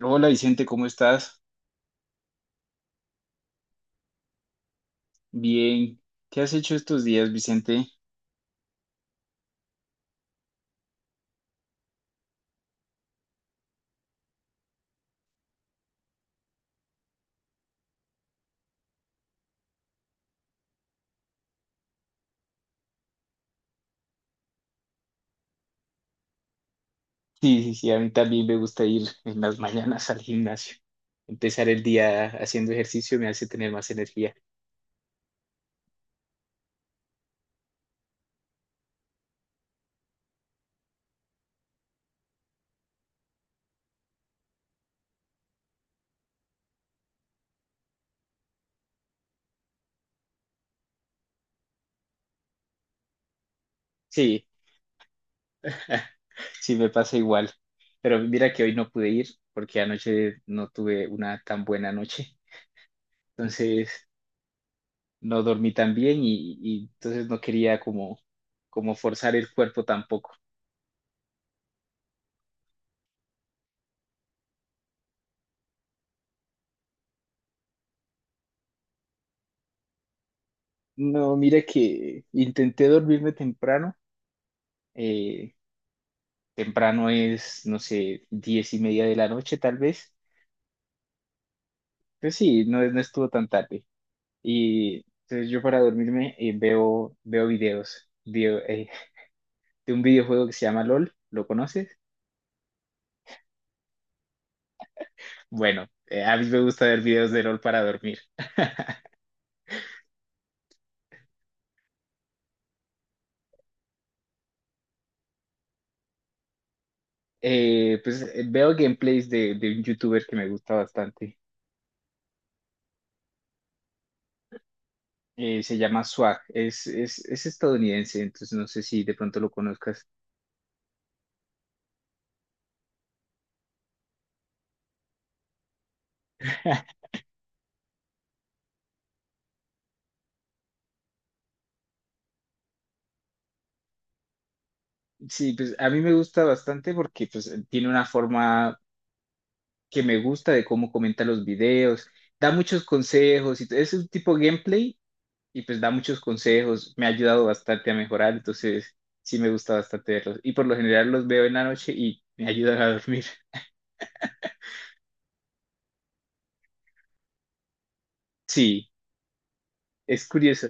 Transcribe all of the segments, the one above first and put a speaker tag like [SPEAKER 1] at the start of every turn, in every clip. [SPEAKER 1] Hola Vicente, ¿cómo estás? Bien. ¿Qué has hecho estos días, Vicente? Sí, sí, sí, a mí también me gusta ir en las mañanas al gimnasio. Empezar el día haciendo ejercicio me hace tener más energía. Sí, sí, me pasa igual. Pero mira que hoy no pude ir porque anoche no tuve una tan buena noche. Entonces no dormí tan bien y entonces no quería como forzar el cuerpo tampoco. No, mira que intenté dormirme temprano. eh, Temprano es, no sé, diez y media de la noche tal vez. Pues sí, no, no estuvo tan tarde. Y entonces yo para dormirme veo, de un videojuego que se llama LOL, ¿lo conoces? Bueno, a mí me gusta ver videos de LOL para dormir. Veo gameplays de un youtuber que me gusta bastante. Se llama Swag, es estadounidense, entonces no sé si de pronto lo conozcas. Sí, pues a mí me gusta bastante porque pues tiene una forma que me gusta de cómo comenta los videos, da muchos consejos, y es un tipo gameplay y pues da muchos consejos, me ha ayudado bastante a mejorar, entonces sí me gusta bastante verlos. Y por lo general los veo en la noche y me ayudan a dormir. Sí, es curioso.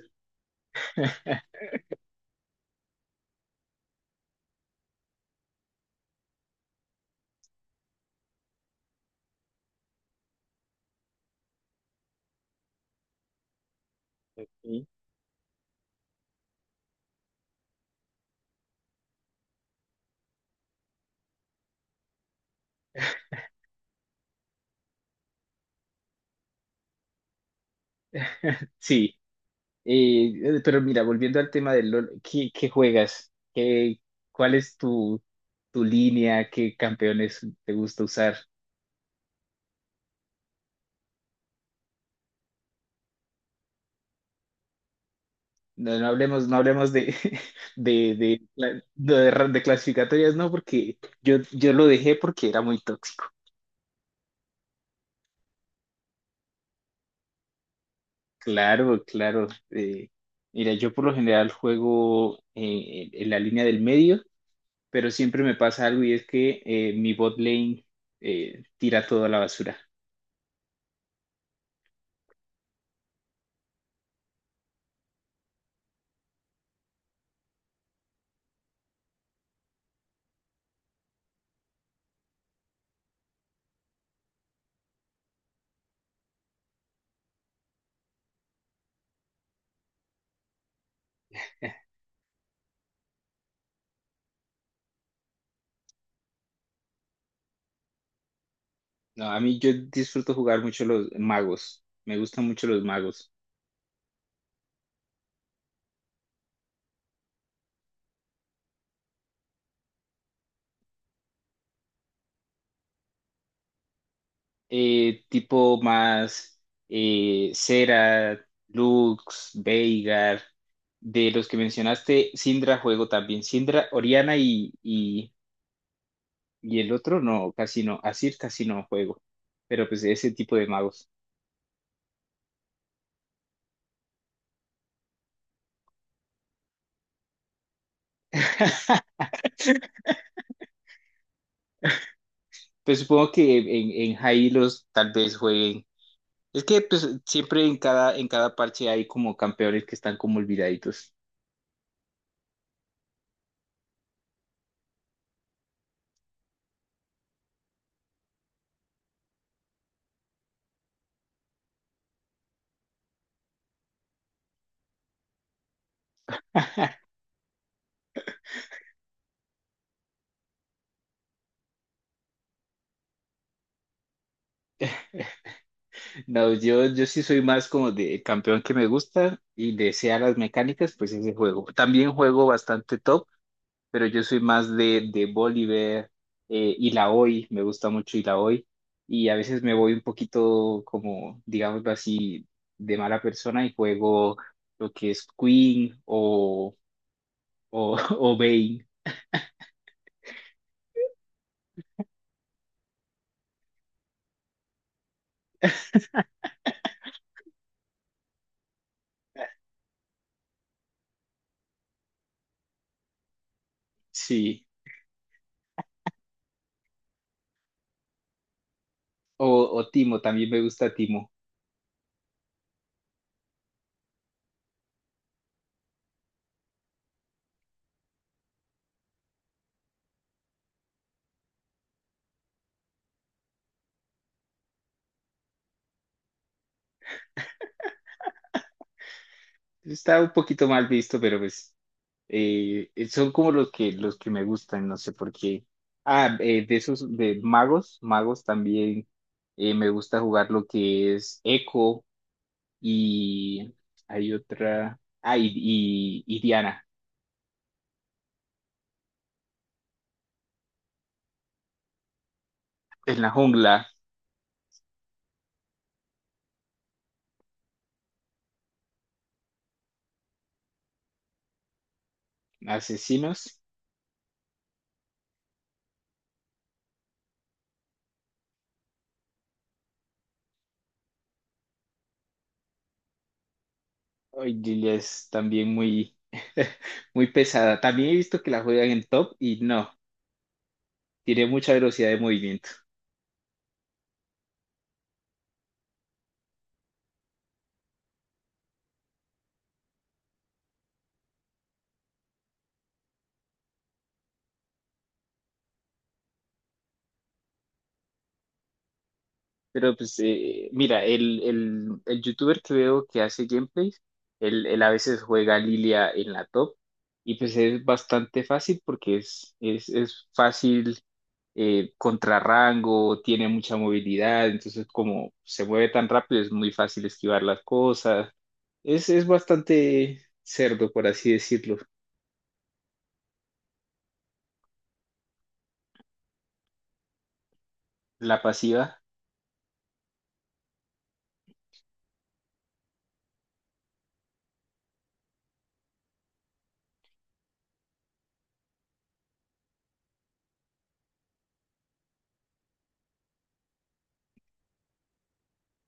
[SPEAKER 1] Ok. Sí, pero mira, volviendo al tema del LOL, ¿qué juegas? ¿Cuál es tu, tu línea? ¿Qué campeones te gusta usar? No hablemos de clasificatorias, no, porque yo lo dejé porque era muy tóxico. Claro, claro. Mira, yo por lo general juego en la línea del medio, pero siempre me pasa algo y es que mi bot lane tira todo a la basura. No, a mí yo disfruto jugar mucho los magos. Me gustan mucho los magos. Tipo más Cera, Lux, Veigar, de los que mencionaste, Syndra juego también. Syndra, Oriana y el otro no, casi no. Asir casi no juego, pero pues ese tipo de magos. Pues supongo que en Jailos tal vez jueguen. Es que pues siempre en cada parche hay como campeones que están como olvidaditos. No, yo sí soy más como de el campeón que me gusta y desea las mecánicas, pues ese juego. También juego bastante top, pero yo soy más de Bolívar y la hoy, me gusta mucho y la hoy. Y a veces me voy un poquito como, digamos así, de mala persona y juego lo que es Queen o Vayne, sí. O, o Timo, también me gusta Timo. Está un poquito mal visto, pero pues son como los que me gustan, no sé por qué. Ah, de esos de magos, magos también me gusta jugar lo que es Echo y hay otra, ah, y Diana en la jungla, asesinos. Ay, Lilia es también muy muy pesada. También he visto que la juegan en top y no, tiene mucha velocidad de movimiento. Pero pues, mira, el youtuber que veo que hace gameplays, él a veces juega Lilia en la top y pues es bastante fácil porque es fácil contra rango, tiene mucha movilidad, entonces como se mueve tan rápido es muy fácil esquivar las cosas. Es bastante cerdo, por así decirlo. La pasiva.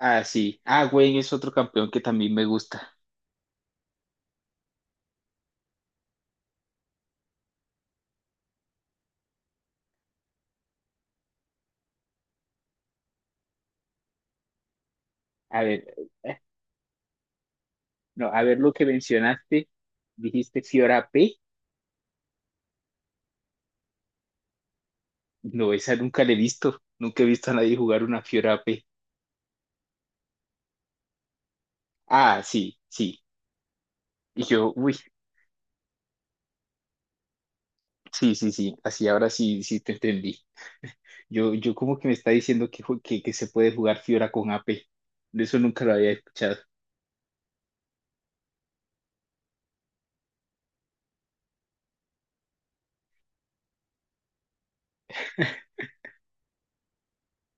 [SPEAKER 1] Ah, sí. Ah, Gwen es otro campeón que también me gusta. A ver. eh, No, a ver lo que mencionaste, dijiste Fiora P. No, esa nunca la he visto. Nunca he visto a nadie jugar una Fiora P. Ah, sí, sí. Y yo, uy, sí, sí, sí. Así ahora sí, sí te entendí. Yo como que me está diciendo que, ju- que se puede jugar Fiora con AP. De eso nunca lo había escuchado.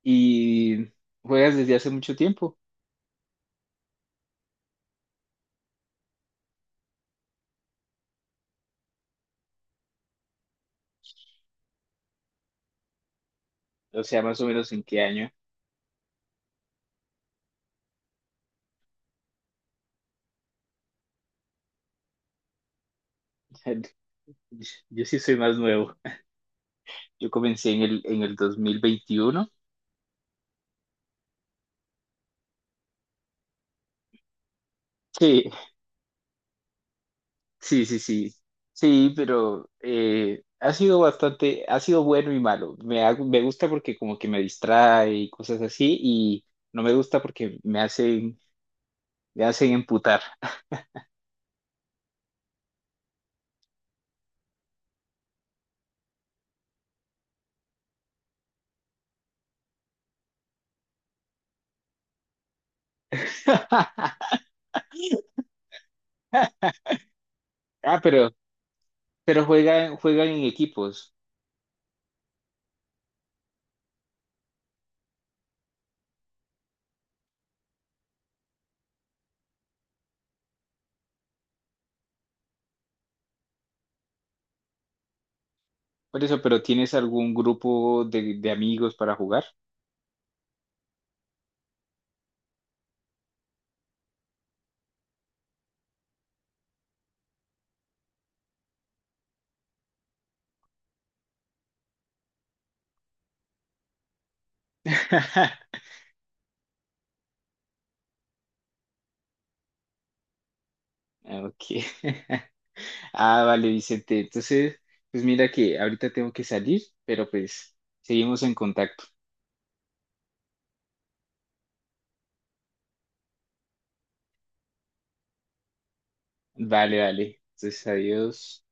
[SPEAKER 1] Y juegas desde hace mucho tiempo. O sea, más o menos en qué año. Yo sí soy más nuevo. Yo comencé en el 2021. Sí, sí, sí, sí. Sí, pero ha sido bastante, ha sido bueno y malo. Me gusta porque como que me distrae y cosas así, y no me gusta porque me hacen emputar. Ah, pero juegan, juegan en equipos. Por eso, pero ¿tienes algún grupo de amigos para jugar? Ok. Ah, vale, Vicente. Entonces, pues mira que ahorita tengo que salir, pero pues seguimos en contacto. Vale, vale. Entonces, adiós.